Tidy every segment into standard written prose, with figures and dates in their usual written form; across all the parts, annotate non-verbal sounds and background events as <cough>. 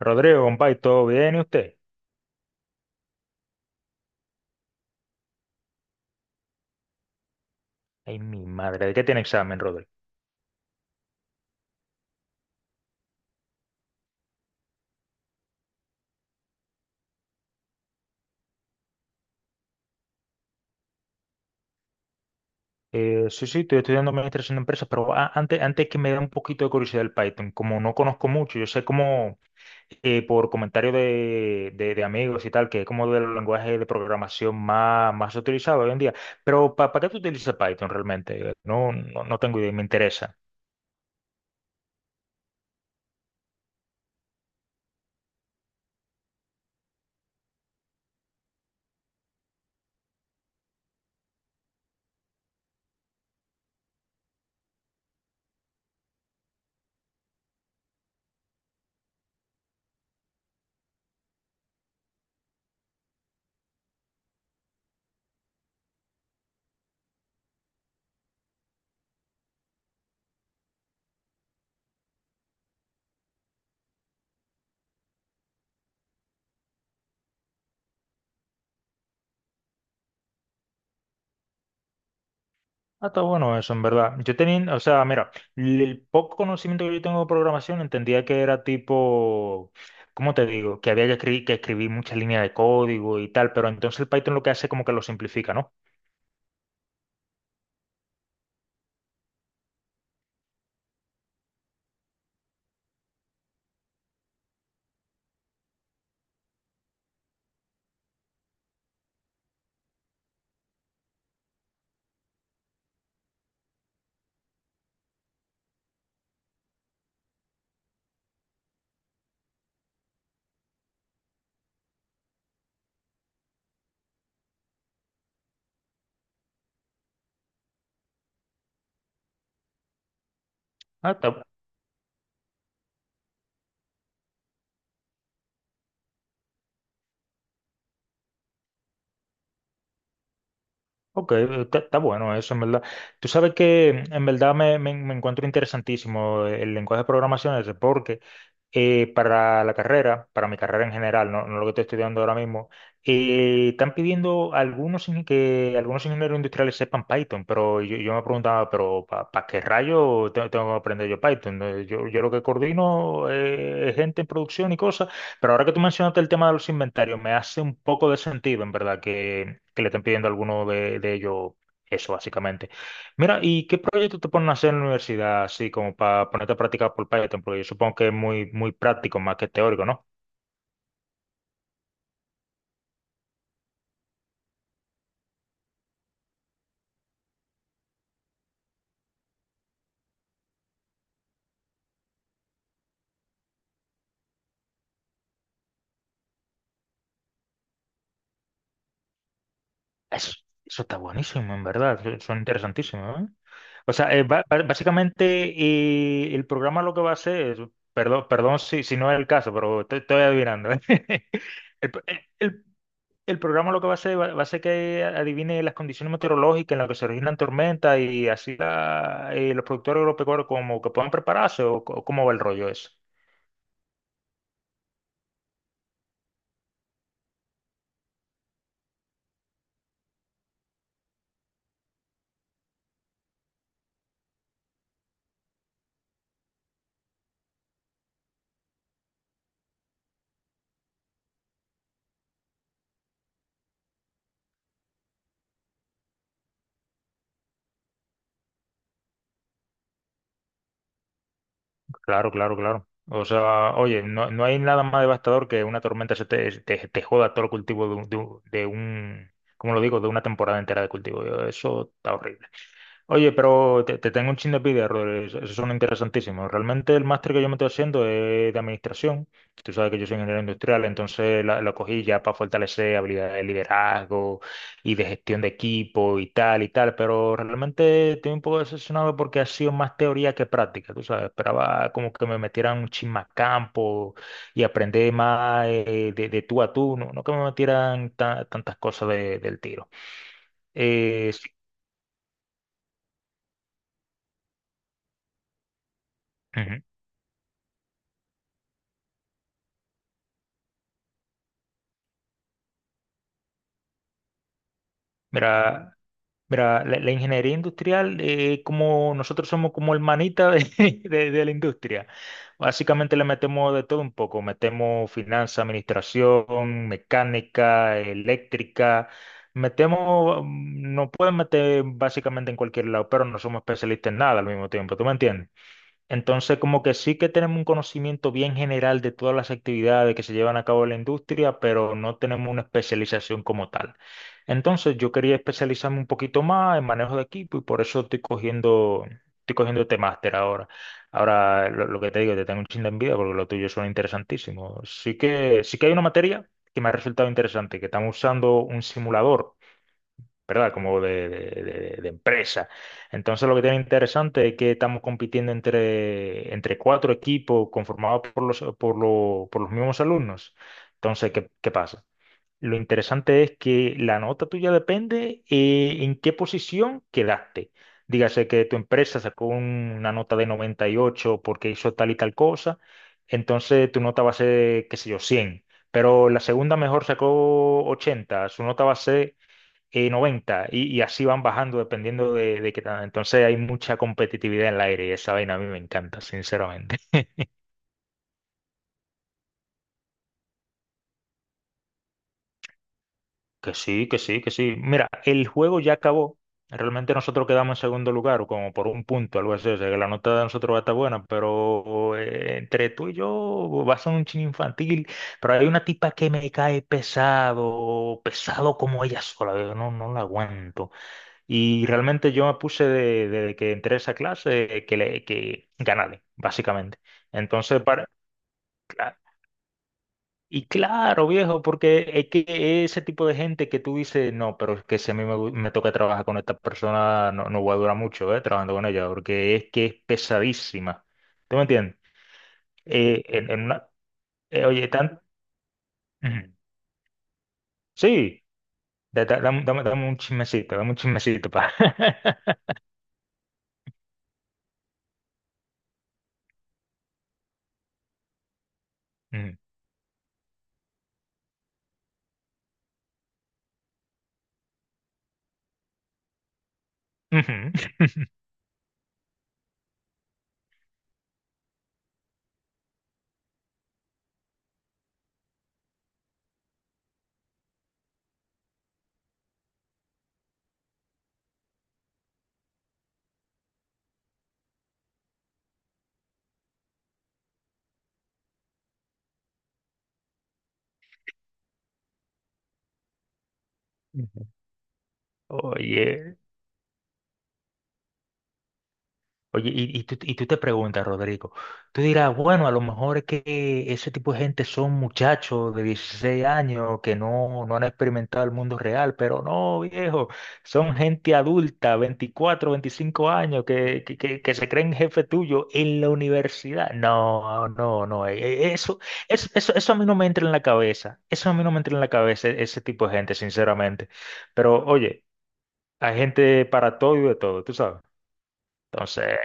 Rodrigo, compadre, ¿todo bien? ¿Y usted? Ay, mi madre, ¿de qué tiene examen, Rodrigo? Sí, sí, estoy estudiando administración de empresas, pero antes que me dé un poquito de curiosidad el Python, como no conozco mucho, yo sé como por comentarios de amigos y tal, que es como del lenguaje de programación más utilizado hoy en día, pero ¿para qué tú utilizas Python realmente? No, no, no tengo idea, me interesa. Ah, está bueno eso, en verdad. Yo tenía, o sea, mira, el poco conocimiento que yo tengo de programación entendía que era tipo, ¿cómo te digo? Que había que escribir muchas líneas de código y tal, pero entonces el Python lo que hace es como que lo simplifica, ¿no? Ah, está, ok, está bueno eso, en verdad. Tú sabes que en verdad me encuentro interesantísimo el lenguaje de programación ese, porque para mi carrera en general, no lo que estoy estudiando ahora mismo, están pidiendo algunos que algunos ingenieros industriales sepan Python, pero yo me preguntaba, pero ¿para qué rayo tengo que aprender yo Python? Yo, yo lo que coordino es gente en producción y cosas, pero ahora que tú mencionaste el tema de los inventarios, me hace un poco de sentido, en verdad, que le estén pidiendo a alguno de ellos eso, básicamente. Mira, ¿y qué proyecto te ponen a hacer en la universidad, así como para ponerte a practicar por Python? Porque yo supongo que es muy práctico más que teórico, ¿no? Eso, eso está buenísimo, en verdad. Son interesantísimos, ¿eh? O sea, básicamente el programa lo que va a hacer es, perdón, perdón si no es el caso, pero estoy adivinando, ¿eh? <laughs> El, pro- el- el- el programa lo que va a hacer va a ser que adivine las condiciones meteorológicas en las que se originan tormentas y así los productores agropecuarios como que puedan prepararse o cómo va el rollo eso. Claro, claro, claro. O sea, oye, no hay nada más devastador que una tormenta se te joda todo el cultivo ¿cómo lo digo? De una temporada entera de cultivo. Eso está horrible. Oye, pero te tengo un chin de envidia, Rodri. Esos son interesantísimos. Realmente el máster que yo me estoy haciendo es de administración. Tú sabes que yo soy ingeniero industrial, entonces lo cogí ya para fortalecer habilidades de liderazgo y de gestión de equipo y tal y tal. Pero realmente estoy un poco decepcionado porque ha sido más teoría que práctica. Tú sabes, esperaba como que me metieran un chin más campo y aprender más de tú a tú, no que me metieran tantas cosas del tiro. Sí. Ujú. Mira. Mira, la ingeniería industrial, como nosotros somos como el manita de, <laughs> de la industria, básicamente le metemos de todo un poco, metemos finanzas, administración, mecánica, eléctrica, metemos, nos pueden meter básicamente en cualquier lado, pero no somos especialistas en nada al mismo tiempo, ¿tú me entiendes? Entonces, como que sí que tenemos un conocimiento bien general de todas las actividades que se llevan a cabo en la industria, pero no tenemos una especialización como tal. Entonces, yo quería especializarme un poquito más en manejo de equipo y por eso estoy cogiendo este máster ahora. Ahora, lo que te digo, te tengo un chin de envidia porque lo tuyo suena interesantísimo. Sí que hay una materia que me ha resultado interesante, que estamos usando un simulador, ¿verdad? Como de empresa. Entonces lo que tiene interesante es que estamos compitiendo entre cuatro equipos conformados por los mismos alumnos. Entonces, ¿qué pasa? Lo interesante es que la nota tuya depende, en qué posición quedaste. Dígase que tu empresa sacó una nota de 98 porque hizo tal y tal cosa, entonces tu nota va a ser, qué sé yo, 100. Pero la segunda mejor sacó 80, su nota va a ser 90 y así van bajando dependiendo de qué tal. Entonces hay mucha competitividad en el aire y esa vaina a mí me encanta, sinceramente. <laughs> Que sí, que sí, que sí. Mira, el juego ya acabó. Realmente nosotros quedamos en segundo lugar, o como por un punto, algo así. O sea, que la nota de nosotros va a estar buena, pero entre tú y yo va a ser un chin infantil. Pero hay una tipa que me cae pesado, pesado como ella sola. Yo no la aguanto. Y realmente yo me puse de que entré a esa clase que ganarle, básicamente. Entonces, cla- y claro, viejo, porque es que ese tipo de gente que tú dices, no, pero es que si a mí me toca trabajar con esta persona, no voy a durar mucho trabajando con ella, porque es que es pesadísima. ¿Tú me entiendes? Eh, en, en una, oye, tan. Ujú. Sí, dame un chismecito, dame un chismecito. Pa. <laughs> Ujú. Ujú. <laughs> Oye. Oye, y tú te preguntas, Rodrigo, tú dirás, bueno, a lo mejor es que ese tipo de gente son muchachos de 16 años que no han experimentado el mundo real, pero no, viejo, son gente adulta, 24, 25 años, que se creen jefe tuyo en la universidad. No, no, no, eso a mí no me entra en la cabeza, eso a mí no me entra en la cabeza, ese tipo de gente, sinceramente. Pero oye, hay gente para todo y de todo, tú sabes. Entonces...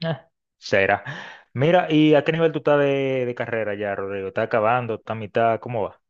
Eh, será. Mira, ¿y a qué nivel tú estás de carrera ya, Rodrigo? ¿Estás acabando? ¿Estás a mitad? ¿Cómo va?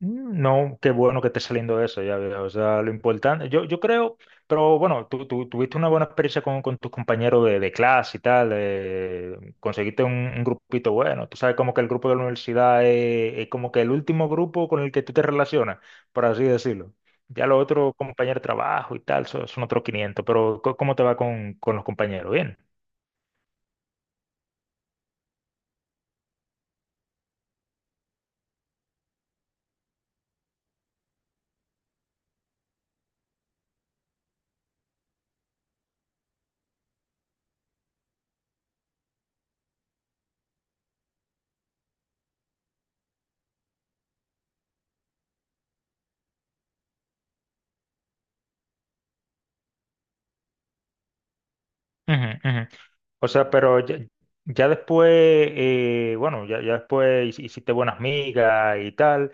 No, qué bueno que esté saliendo eso, ya veo. O sea, lo importante, yo creo, pero bueno, tú tuviste una buena experiencia con tus compañeros de clase y tal, conseguiste un grupito bueno. Tú sabes como que el grupo de la universidad es como que el último grupo con el que tú te relacionas, por así decirlo. Ya los otros compañeros de trabajo y tal son otros 500, pero ¿cómo te va con los compañeros? Bien. Ujú, ujú. O sea, pero ya, bueno, ya después hiciste buenas migas y tal.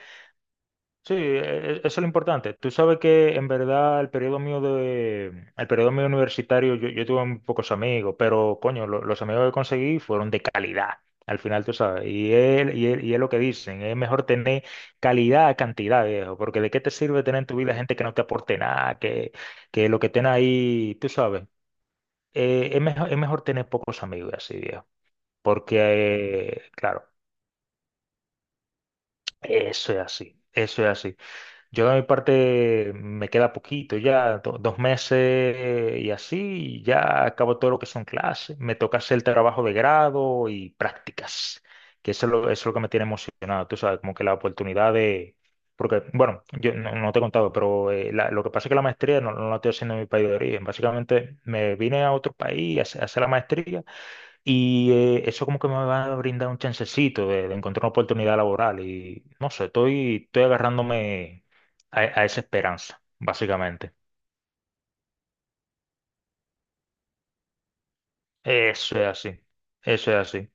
Sí, eso es lo importante. Tú sabes que en verdad el periodo mío universitario, yo tuve muy pocos amigos, pero coño, los amigos que conseguí fueron de calidad. Al final, tú sabes, y él, y es lo que dicen, es mejor tener calidad a cantidad, viejo, porque de qué te sirve tener en tu vida gente que no te aporte nada, que lo que estén ahí, tú sabes, es mejor tener pocos amigos así, viejo. Porque, claro, eso es así, eso es así. Yo de mi parte me queda poquito ya, 2 meses y así, y ya acabo todo lo que son clases. Me toca hacer el trabajo de grado y prácticas, que eso es lo que me tiene emocionado, tú sabes, como que la oportunidad de... Porque, bueno, yo no te he contado, pero lo que pasa es que la maestría no la estoy haciendo en mi país de origen. Básicamente me vine a otro país a hacer la maestría y eso como que me va a brindar un chancecito de encontrar una oportunidad laboral y no sé, estoy agarrándome a esa esperanza, básicamente. Eso es así, eso es así.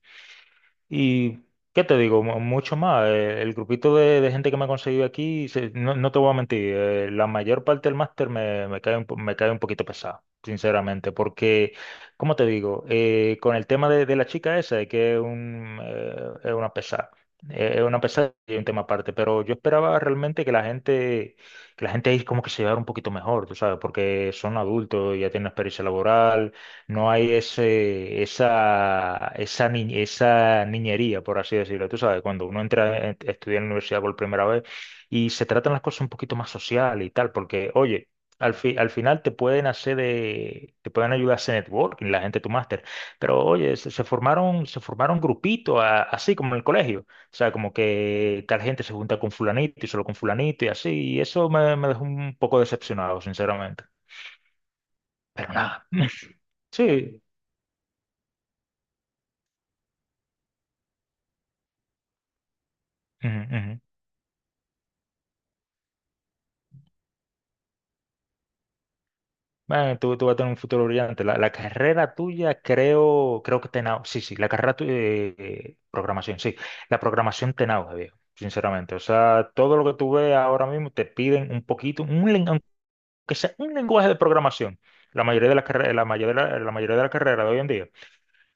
Y, ¿qué te digo? Mucho más. El grupito de gente que me ha conseguido aquí, no te voy a mentir, la mayor parte del máster me cae un poquito pesado, sinceramente, porque, ¿cómo te digo? Con el tema de la chica esa, de que es, un, es una pesada. Es una pesada y un tema aparte, pero yo esperaba realmente que la gente ahí como que se llevara un poquito mejor, tú sabes, porque son adultos, ya tienen experiencia laboral, no hay ese, esa, ni- esa niñería, por así decirlo. Tú sabes, cuando uno entra a estudiar en la universidad por primera vez y se tratan las cosas un poquito más social y tal, porque, oye, al final te pueden ayudar a hacer networking, la gente de tu máster, pero, oye, se formaron grupitos, así como en el colegio. O sea, como que tal gente se junta con fulanito y solo con fulanito y así, y eso me dejó un poco decepcionado, sinceramente. Pero nada. <laughs> Sí. Ujú, ujú. Bueno, tú vas a tener un futuro brillante. La carrera tuya, creo que sí, sí, la carrera tuya, programación, sí. La programación te nauja, viejo, sinceramente. O sea, todo lo que tú ves ahora mismo te piden un poquito, aunque sea un lenguaje de programación. La mayoría, la mayoría, de las carreras de hoy en día.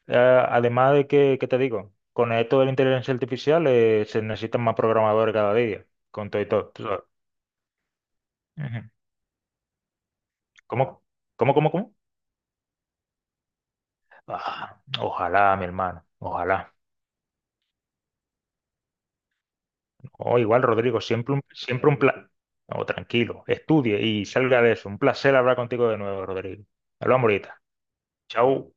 Eh, Además de que, ¿qué te digo? Con esto de la inteligencia artificial, se necesitan más programadores cada día, con todo y todo. Tú sabes. Ujú. ¿Cómo? ¿Cómo, cómo, cómo? Ah, ojalá, mi hermano, ojalá. Oh, igual, Rodrigo, siempre siempre un placer. No, tranquilo, estudie y salga de eso. Un placer hablar contigo de nuevo, Rodrigo. Hablamos ahorita. Chao.